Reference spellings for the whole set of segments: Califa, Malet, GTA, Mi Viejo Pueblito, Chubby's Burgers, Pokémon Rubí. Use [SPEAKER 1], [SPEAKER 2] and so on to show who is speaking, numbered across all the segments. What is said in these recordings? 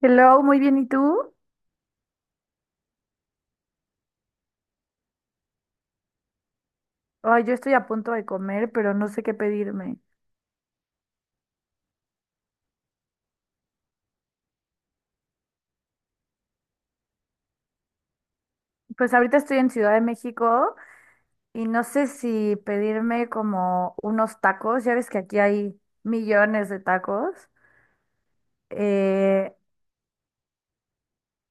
[SPEAKER 1] Hello, muy bien, ¿y tú? Ay, yo estoy a punto de comer, pero no sé qué pedirme. Pues ahorita estoy en Ciudad de México y no sé si pedirme como unos tacos, ya ves que aquí hay millones de tacos, eh,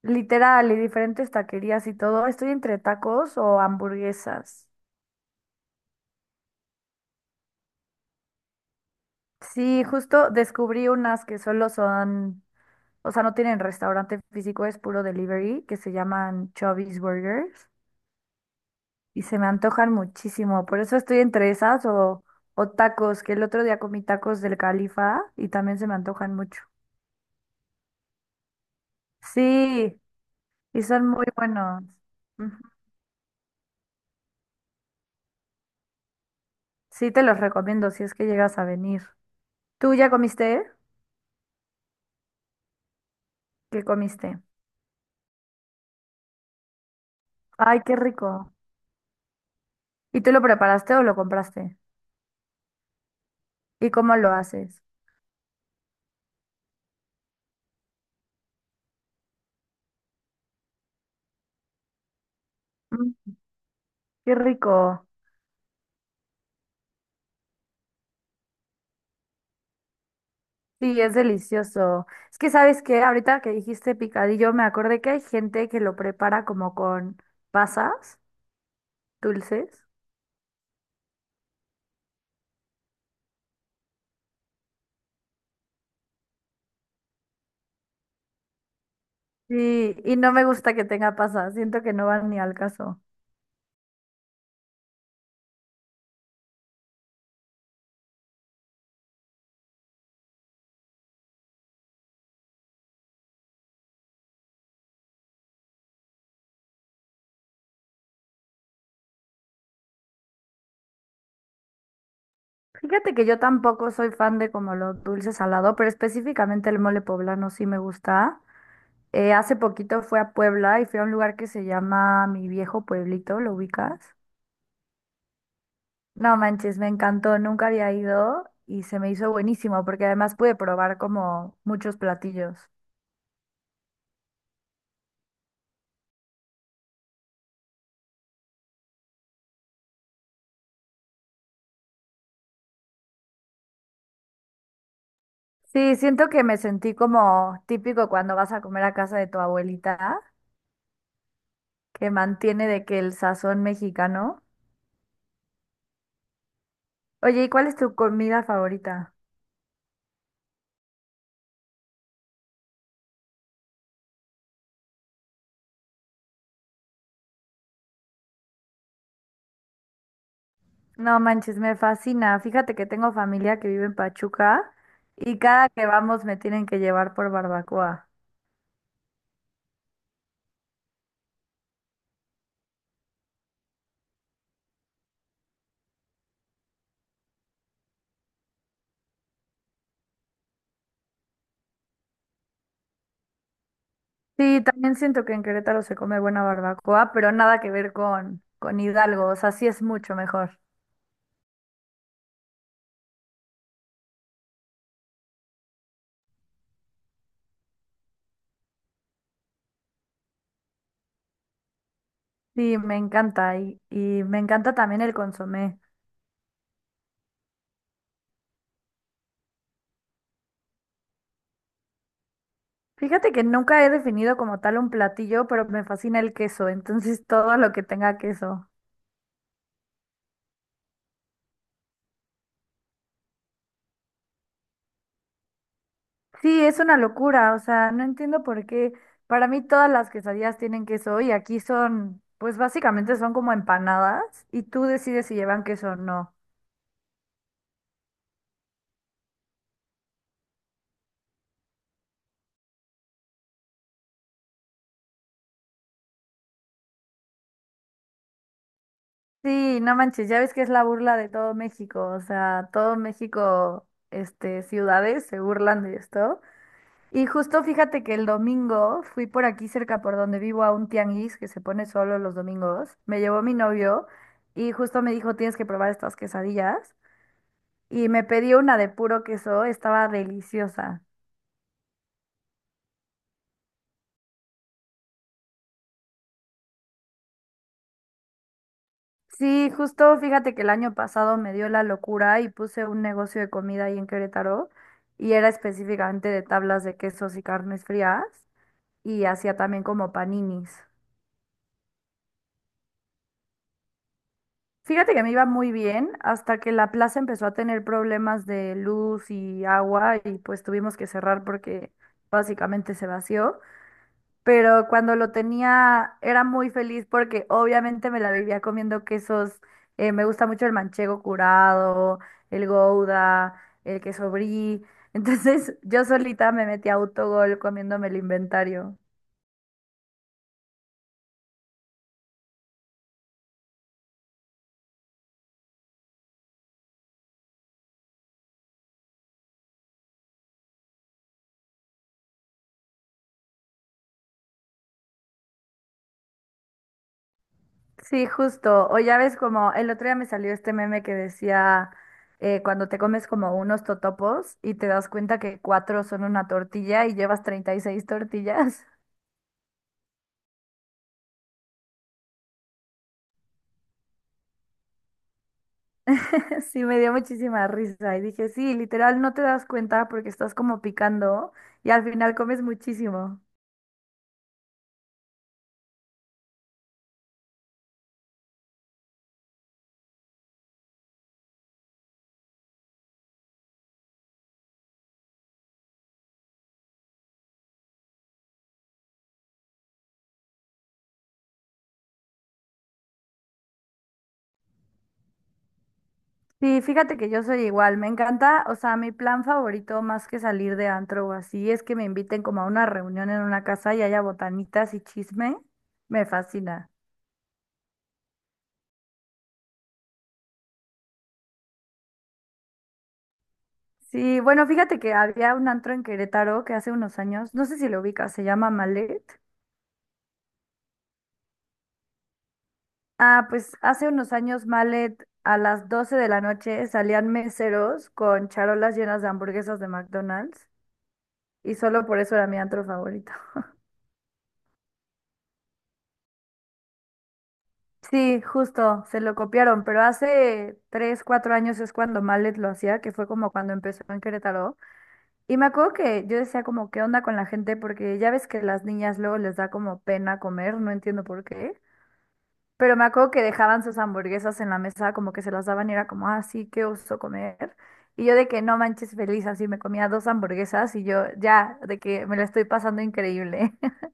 [SPEAKER 1] literal, y diferentes taquerías y todo. Estoy entre tacos o hamburguesas. Sí, justo descubrí unas que solo son, o sea, no tienen restaurante físico, es puro delivery, que se llaman Chubby's Burgers. Y se me antojan muchísimo. Por eso estoy entre esas o tacos, que el otro día comí tacos del Califa y también se me antojan mucho. Sí, y son muy buenos. Ujú. Sí, te los recomiendo si es que llegas a venir. ¿Tú ya comiste? ¿Qué comiste? Ay, qué rico. ¿Y tú lo preparaste o lo compraste? ¿Y cómo lo haces? Mm, qué rico. Sí, es delicioso. Es que sabes que ahorita que dijiste picadillo, me acordé que hay gente que lo prepara como con pasas dulces. Sí, y no me gusta que tenga pasas, siento que no van ni al caso. Fíjate que yo tampoco soy fan de como lo dulce salado, pero específicamente el mole poblano sí me gusta. Hace poquito fui a Puebla y fui a un lugar que se llama Mi Viejo Pueblito, ¿lo ubicas? No manches, me encantó, nunca había ido y se me hizo buenísimo porque además pude probar como muchos platillos. Sí, siento que me sentí como típico cuando vas a comer a casa de tu abuelita, que mantiene de que el sazón mexicano. Oye, ¿y cuál es tu comida favorita? No manches, me fascina. Fíjate que tengo familia que vive en Pachuca y cada que vamos me tienen que llevar por barbacoa. Sí, también siento que en Querétaro se come buena barbacoa, pero nada que ver con Hidalgo, o sea, sí es mucho mejor. Sí, me encanta y me encanta también el consomé. Fíjate que nunca he definido como tal un platillo, pero me fascina el queso, entonces todo lo que tenga queso. Sí, es una locura, o sea, no entiendo por qué. Para mí todas las quesadillas tienen queso y aquí son, pues básicamente son como empanadas y tú decides si llevan queso o no. Sí, no manches, ya ves que es la burla de todo México, o sea, todo México, ciudades se burlan de esto. Y justo fíjate que el domingo fui por aquí cerca por donde vivo a un tianguis que se pone solo los domingos. Me llevó mi novio y justo me dijo, tienes que probar estas quesadillas. Y me pedí una de puro queso, estaba deliciosa. Sí, justo fíjate que el año pasado me dio la locura y puse un negocio de comida ahí en Querétaro y era específicamente de tablas de quesos y carnes frías y hacía también como paninis. Fíjate que me iba muy bien hasta que la plaza empezó a tener problemas de luz y agua y pues tuvimos que cerrar porque básicamente se vació. Pero cuando lo tenía era muy feliz porque obviamente me la vivía comiendo quesos. Me gusta mucho el manchego curado, el gouda, el queso brie. Entonces yo solita me metí a autogol comiéndome el inventario. Sí, justo. O ya ves como el otro día me salió este meme que decía cuando te comes como unos totopos y te das cuenta que cuatro son una tortilla y llevas 36 tortillas. Sí, me dio muchísima risa y dije, sí, literal, no te das cuenta porque estás como picando y al final comes muchísimo. Sí, fíjate que yo soy igual, me encanta, o sea, mi plan favorito más que salir de antro o así es que me inviten como a una reunión en una casa y haya botanitas y chisme, me fascina. Sí, bueno, fíjate que había un antro en Querétaro que hace unos años, no sé si lo ubicas, se llama Malet. Ah, pues hace unos años, Malet, a las 12 de la noche salían meseros con charolas llenas de hamburguesas de McDonald's y solo por eso era mi antro favorito. Sí, justo, se lo copiaron, pero hace 3, 4 años es cuando Malet lo hacía, que fue como cuando empezó en Querétaro. Y me acuerdo que yo decía como, ¿qué onda con la gente? Porque ya ves que las niñas luego les da como pena comer, no entiendo por qué. Pero me acuerdo que dejaban sus hamburguesas en la mesa, como que se las daban y era como, ah, sí, qué oso comer. Y yo de que no manches feliz, así me comía dos hamburguesas y yo ya, de que me la estoy pasando increíble.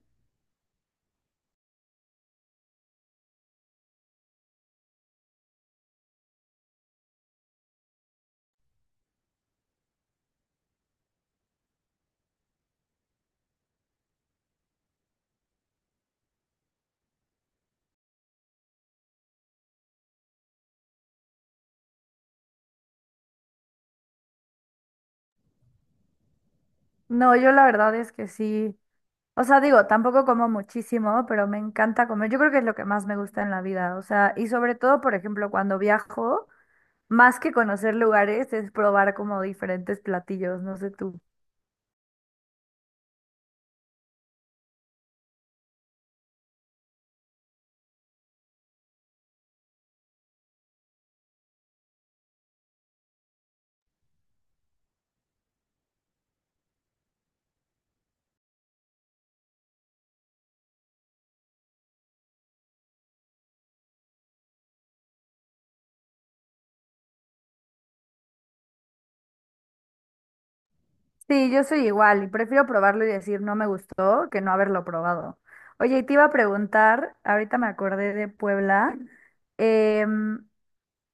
[SPEAKER 1] No, yo la verdad es que sí. O sea, digo, tampoco como muchísimo, pero me encanta comer. Yo creo que es lo que más me gusta en la vida. O sea, y sobre todo, por ejemplo, cuando viajo, más que conocer lugares, es probar como diferentes platillos. No sé tú. Sí, yo soy igual y prefiero probarlo y decir no me gustó que no haberlo probado. Oye, y te iba a preguntar, ahorita me acordé de Puebla, em,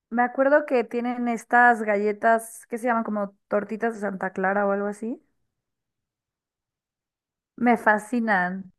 [SPEAKER 1] me acuerdo que tienen estas galletas que se llaman como tortitas de Santa Clara o algo así. Me fascinan.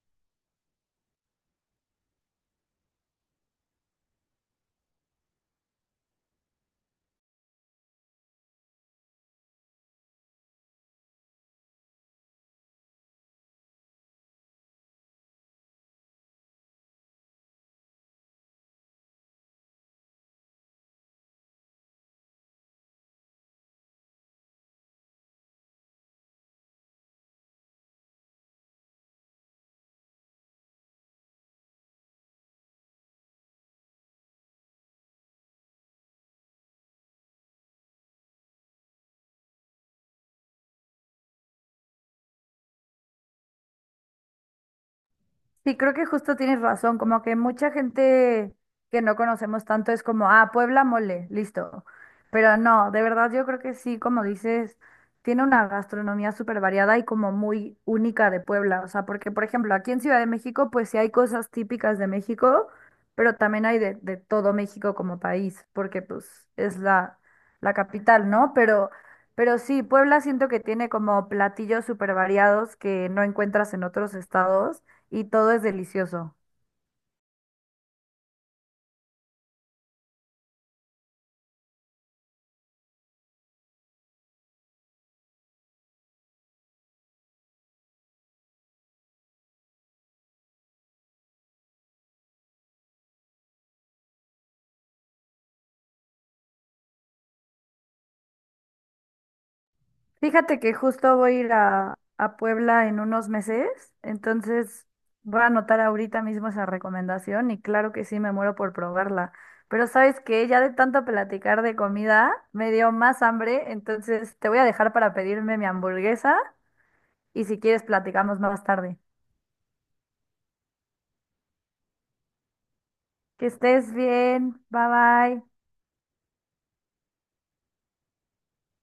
[SPEAKER 1] Sí, creo que justo tienes razón, como que mucha gente que no conocemos tanto es como, ah, Puebla mole, listo. Pero no, de verdad yo creo que sí, como dices, tiene una gastronomía súper variada y como muy única de Puebla. O sea, porque por ejemplo, aquí en Ciudad de México, pues sí hay cosas típicas de México, pero también hay de todo México como país, porque pues es la capital, ¿no? Pero sí, Puebla siento que tiene como platillos súper variados que no encuentras en otros estados y todo es delicioso. Fíjate que justo voy a ir a Puebla en unos meses, entonces voy a anotar ahorita mismo esa recomendación y claro que sí, me muero por probarla. Pero sabes que ya de tanto platicar de comida, me dio más hambre, entonces te voy a dejar para pedirme mi hamburguesa y si quieres platicamos más tarde. Que estés bien, bye bye.